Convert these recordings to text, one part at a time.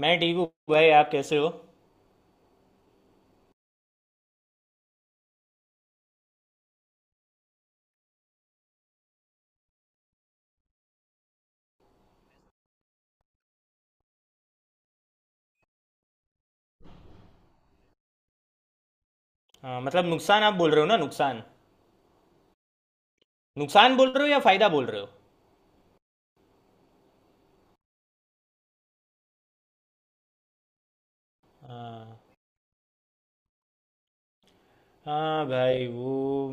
मैं ठीक हूँ भाई। आप कैसे हो? हाँ, मतलब नुकसान आप बोल रहे हो ना। नुकसान नुकसान बोल रहे हो या फायदा बोल रहे हो? हाँ। हाँ भाई वो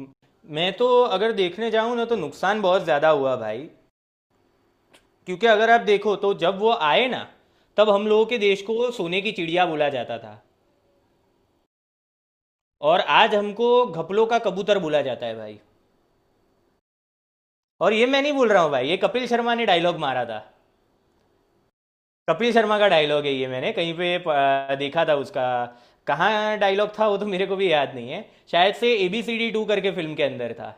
मैं तो अगर देखने जाऊँ ना तो नुकसान बहुत ज़्यादा हुआ भाई। क्योंकि अगर आप देखो तो जब वो आए ना तब हम लोगों के देश को सोने की चिड़िया बोला जाता था। और आज हमको घपलों का कबूतर बोला जाता है भाई। और ये मैं नहीं बोल रहा हूँ भाई, ये कपिल शर्मा ने डायलॉग मारा था। कपिल शर्मा का डायलॉग है ये। मैंने कहीं पे देखा था उसका। कहाँ डायलॉग था वो तो मेरे को भी याद नहीं है। शायद से ABCD 2 करके फिल्म के अंदर था।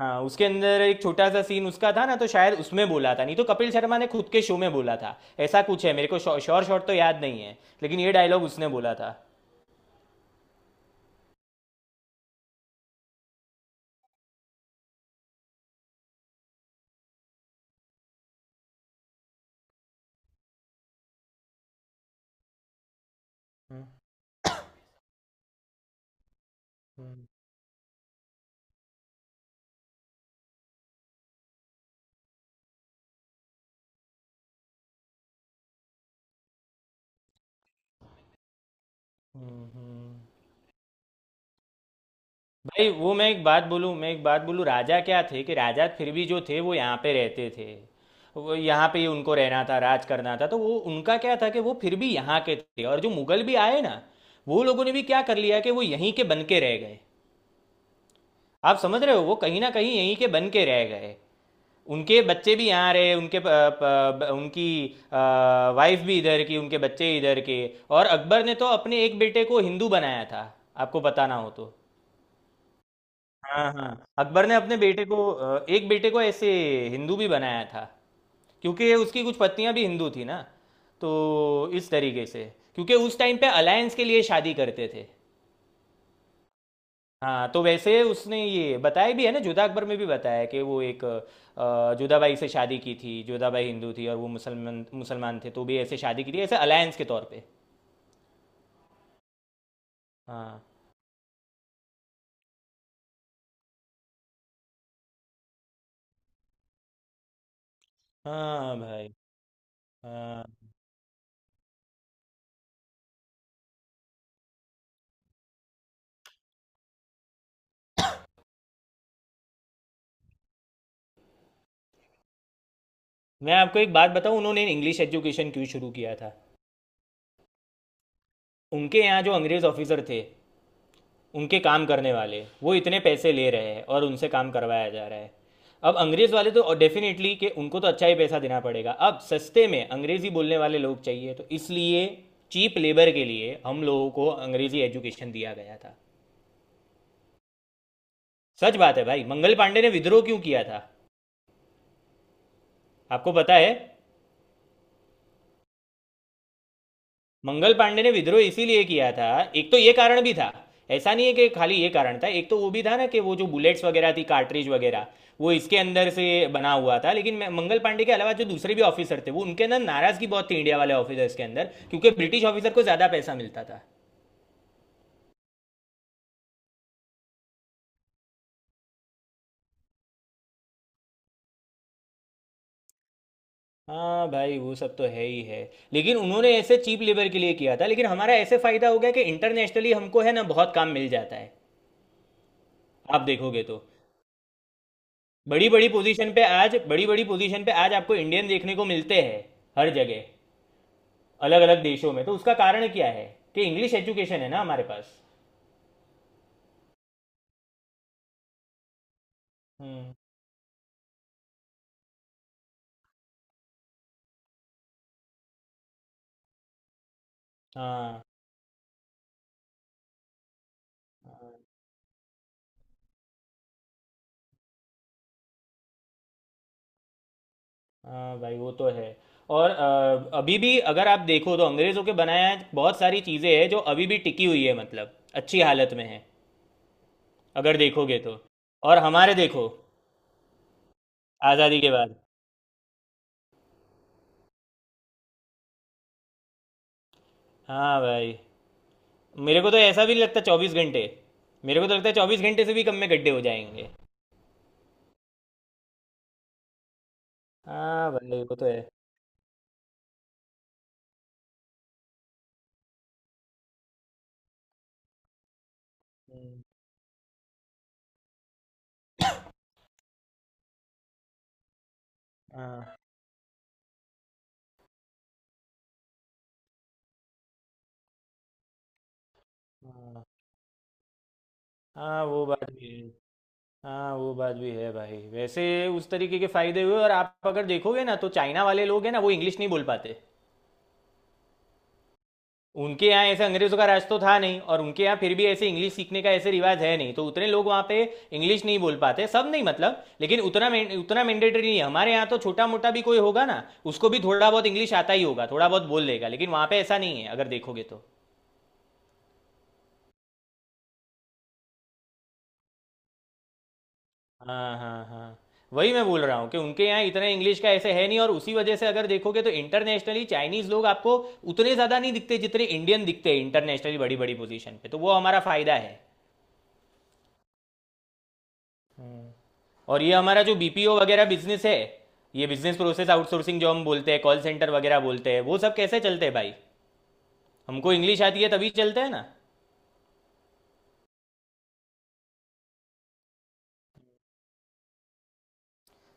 हाँ, उसके अंदर एक छोटा सा सीन उसका था ना, तो शायद उसमें बोला था, नहीं तो कपिल शर्मा ने खुद के शो में बोला था। ऐसा कुछ है, मेरे को श्योर शॉट तो याद नहीं है। लेकिन ये डायलॉग उसने बोला था। हम्म हम्म हम्म हम्म। भाई वो मैं एक बात बोलूँ, मैं एक बात बोलूँ, राजा क्या थे कि राजा फिर भी जो थे वो यहाँ पे रहते थे। वो यहाँ पे ही उनको रहना था, राज करना था, तो वो उनका क्या था कि वो फिर भी यहाँ के थे। और जो मुगल भी आए ना, वो लोगों ने भी क्या कर लिया कि वो यहीं के बन के रह गए। आप समझ रहे हो, वो कहीं ना कहीं यहीं के बन के रह गए। उनके बच्चे भी यहाँ रहे, उनके प, प, ब- उनकी वाइफ भी इधर की, उनके बच्चे इधर के। और अकबर ने तो अपने एक बेटे को हिंदू बनाया था। आपको बताना हो तो, हाँ हाँ, अकबर ने अपने बेटे को एक बेटे को ऐसे हिंदू भी बनाया था। क्योंकि उसकी कुछ पत्नियां भी हिंदू थी ना, तो इस तरीके से। क्योंकि उस टाइम पे अलायंस के लिए शादी करते थे। हाँ तो वैसे उसने ये बताया भी है ना, जोधा अकबर में भी बताया है कि वो एक जोधाबाई से शादी की थी। जोधाबाई हिंदू थी और वो मुसलमान मुसलमान थे, तो भी ऐसे शादी की थी, ऐसे अलायंस के तौर पे। हाँ हाँ भाई। हाँ, मैं आपको एक बात बताऊं, उन्होंने इंग्लिश एजुकेशन क्यों शुरू किया था। उनके यहाँ जो अंग्रेज ऑफिसर थे, उनके काम करने वाले वो इतने पैसे ले रहे हैं और उनसे काम करवाया जा रहा है। अब अंग्रेज़ वाले तो डेफिनेटली कि उनको तो अच्छा ही पैसा देना पड़ेगा, अब सस्ते में अंग्रेज़ी बोलने वाले लोग चाहिए, तो इसलिए चीप लेबर के लिए हम लोगों को अंग्रेज़ी एजुकेशन दिया गया था। सच बात है भाई। मंगल पांडे ने विद्रोह क्यों किया था आपको पता है? मंगल पांडे ने विद्रोह इसीलिए किया था, एक तो ये कारण भी था। ऐसा नहीं है कि खाली ये कारण था, एक तो वो भी था ना, कि वो जो बुलेट्स वगैरह थी, कार्ट्रिज वगैरह, वो इसके अंदर से बना हुआ था। लेकिन मंगल पांडे के अलावा जो दूसरे भी ऑफिसर थे, वो उनके अंदर नाराजगी बहुत थी, इंडिया वाले ऑफिसर्स के अंदर, क्योंकि ब्रिटिश ऑफिसर को ज़्यादा पैसा मिलता था। हाँ भाई वो सब तो है ही है। लेकिन उन्होंने ऐसे चीप लेबर के लिए किया था, लेकिन हमारा ऐसे फायदा हो गया कि इंटरनेशनली हमको है ना बहुत काम मिल जाता है। आप देखोगे तो बड़ी बड़ी पोजीशन पे आज, बड़ी बड़ी पोजीशन पे आज आपको इंडियन देखने को मिलते हैं हर जगह, अलग अलग देशों में। तो उसका कारण क्या है? कि इंग्लिश एजुकेशन है ना हमारे पास। हम्म। हाँ हाँ भाई वो तो है। और अभी भी अगर आप देखो तो अंग्रेज़ों के बनाया बहुत सारी चीज़ें हैं जो अभी भी टिकी हुई है, मतलब अच्छी हालत में है, अगर देखोगे तो। और हमारे देखो, आज़ादी के बाद, हाँ भाई, मेरे को तो ऐसा भी नहीं लगता 24 घंटे। मेरे को तो लगता है 24 घंटे से भी कम में गड्ढे हो जाएंगे। हाँ भाई वो तो है। हम्म, हाँ हाँ हाँ वो बात भी है। हाँ वो बात भी है भाई। वैसे उस तरीके के फायदे हुए, और आप अगर देखोगे ना तो चाइना वाले लोग हैं ना, वो इंग्लिश नहीं बोल पाते। उनके यहाँ ऐसे अंग्रेजों का राज तो था नहीं, और उनके यहाँ फिर भी ऐसे इंग्लिश सीखने का ऐसे रिवाज है नहीं, तो उतने लोग वहाँ पे इंग्लिश नहीं बोल पाते, सब नहीं मतलब, लेकिन उतना मैंडेटरी नहीं है। हमारे यहाँ तो छोटा मोटा भी कोई होगा ना, उसको भी थोड़ा बहुत इंग्लिश आता ही होगा, थोड़ा बहुत बोल लेगा, लेकिन वहाँ पे ऐसा नहीं है अगर देखोगे तो। हाँ हाँ हाँ। वही मैं बोल रहा हूँ कि उनके यहाँ इतना इंग्लिश का ऐसे है नहीं, और उसी वजह से अगर देखोगे तो इंटरनेशनली चाइनीज लोग आपको उतने ज़्यादा नहीं दिखते जितने इंडियन दिखते हैं इंटरनेशनली बड़ी बड़ी पोजीशन पे, तो वो हमारा फ़ायदा है। और ये हमारा जो बीपीओ वगैरह बिजनेस है, ये बिजनेस प्रोसेस आउटसोर्सिंग जो हम बोलते हैं, कॉल सेंटर वगैरह बोलते हैं, वो सब कैसे चलते हैं भाई? हमको इंग्लिश आती है तभी चलते हैं ना।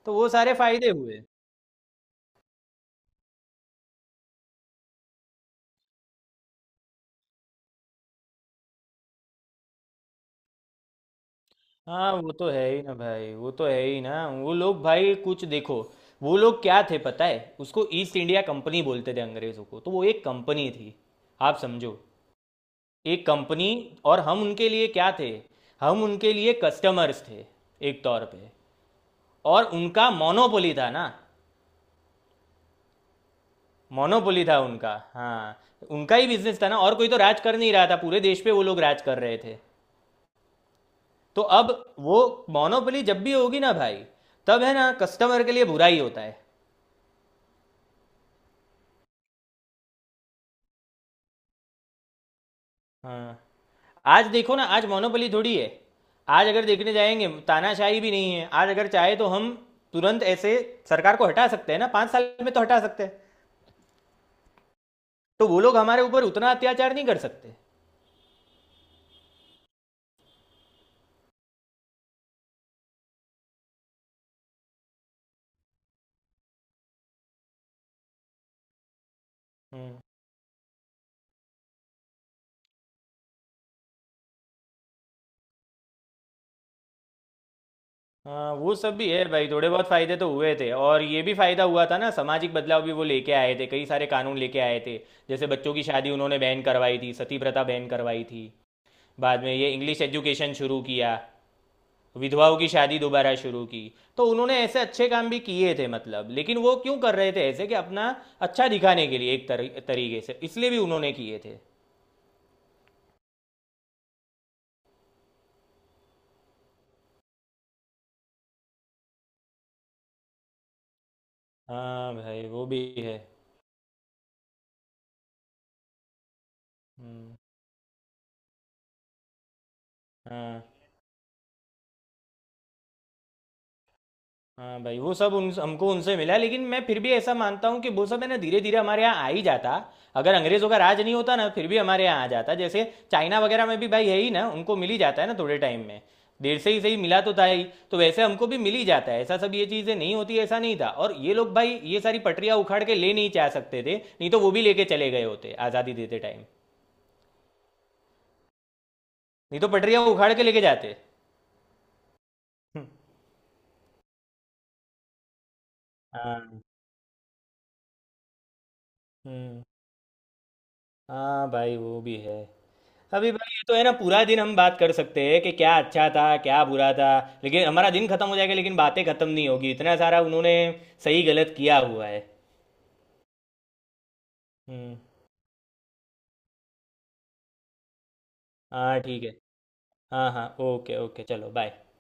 तो वो सारे फ़ायदे हुए। हाँ वो तो है ही ना भाई, वो तो है ही ना। वो लोग भाई कुछ देखो, वो लोग क्या थे पता है? उसको ईस्ट इंडिया कंपनी बोलते थे, अंग्रेज़ों को, तो वो एक कंपनी थी। आप समझो, एक कंपनी। और हम उनके लिए क्या थे? हम उनके लिए कस्टमर्स थे, एक तौर पे। और उनका मोनोपोली था ना, मोनोपोली था उनका, हाँ। उनका ही बिजनेस था ना, और कोई तो राज कर नहीं रहा था, पूरे देश पे वो लोग राज कर रहे थे। तो अब वो मोनोपोली जब भी होगी ना भाई, तब है ना कस्टमर के लिए बुरा ही होता है। हाँ। आज देखो ना, आज मोनोपोली थोड़ी है। आज अगर देखने जाएंगे, तानाशाही भी नहीं है। आज अगर चाहे तो हम तुरंत ऐसे सरकार को हटा सकते हैं ना, 5 साल में तो हटा सकते हैं। तो वो लोग हमारे ऊपर उतना अत्याचार नहीं कर सकते। हम्म, हाँ वो सब भी है भाई, थोड़े बहुत फायदे तो हुए थे। और ये भी फायदा हुआ था ना, सामाजिक बदलाव भी वो लेके आए थे, कई सारे कानून लेके आए थे। जैसे बच्चों की शादी उन्होंने बैन करवाई थी, सती प्रथा बैन करवाई थी, बाद में ये इंग्लिश एजुकेशन शुरू किया, विधवाओं की शादी दोबारा शुरू की। तो उन्होंने ऐसे अच्छे काम भी किए थे मतलब, लेकिन वो क्यों कर रहे थे ऐसे, कि अपना अच्छा दिखाने के लिए एक तरीके से, इसलिए भी उन्होंने किए थे। हाँ भाई वो भी है। हम्म, हाँ हाँ भाई वो सब उन हमको उनसे मिला, लेकिन मैं फिर भी ऐसा मानता हूँ कि वो सब है ना धीरे धीरे हमारे यहाँ आ ही जाता। अगर अंग्रेज़ों का राज नहीं होता ना, फिर भी हमारे यहाँ आ जाता। जैसे चाइना वगैरह में भी भाई है ही ना, उनको मिल ही जाता है ना थोड़े टाइम में, देर से ही सही मिला तो था ही। तो वैसे हमको भी मिल ही जाता है, ऐसा सब ये चीज़ें नहीं होती ऐसा नहीं था। और ये लोग भाई, ये सारी पटरियाँ उखाड़ के ले नहीं जा सकते थे, नहीं तो वो भी लेके चले गए होते आज़ादी देते टाइम। नहीं तो पटरियाँ उखाड़ के लेके जाते। हाँ। हम्म। हाँ भाई वो भी है। अभी भाई ये तो है ना, पूरा दिन हम बात कर सकते हैं कि क्या अच्छा था क्या बुरा था, लेकिन हमारा दिन खत्म हो जाएगा लेकिन बातें खत्म नहीं होगी, इतना सारा उन्होंने सही गलत किया हुआ है। हम्म। हाँ ठीक है। हाँ हाँ, ओके ओके, चलो बाय।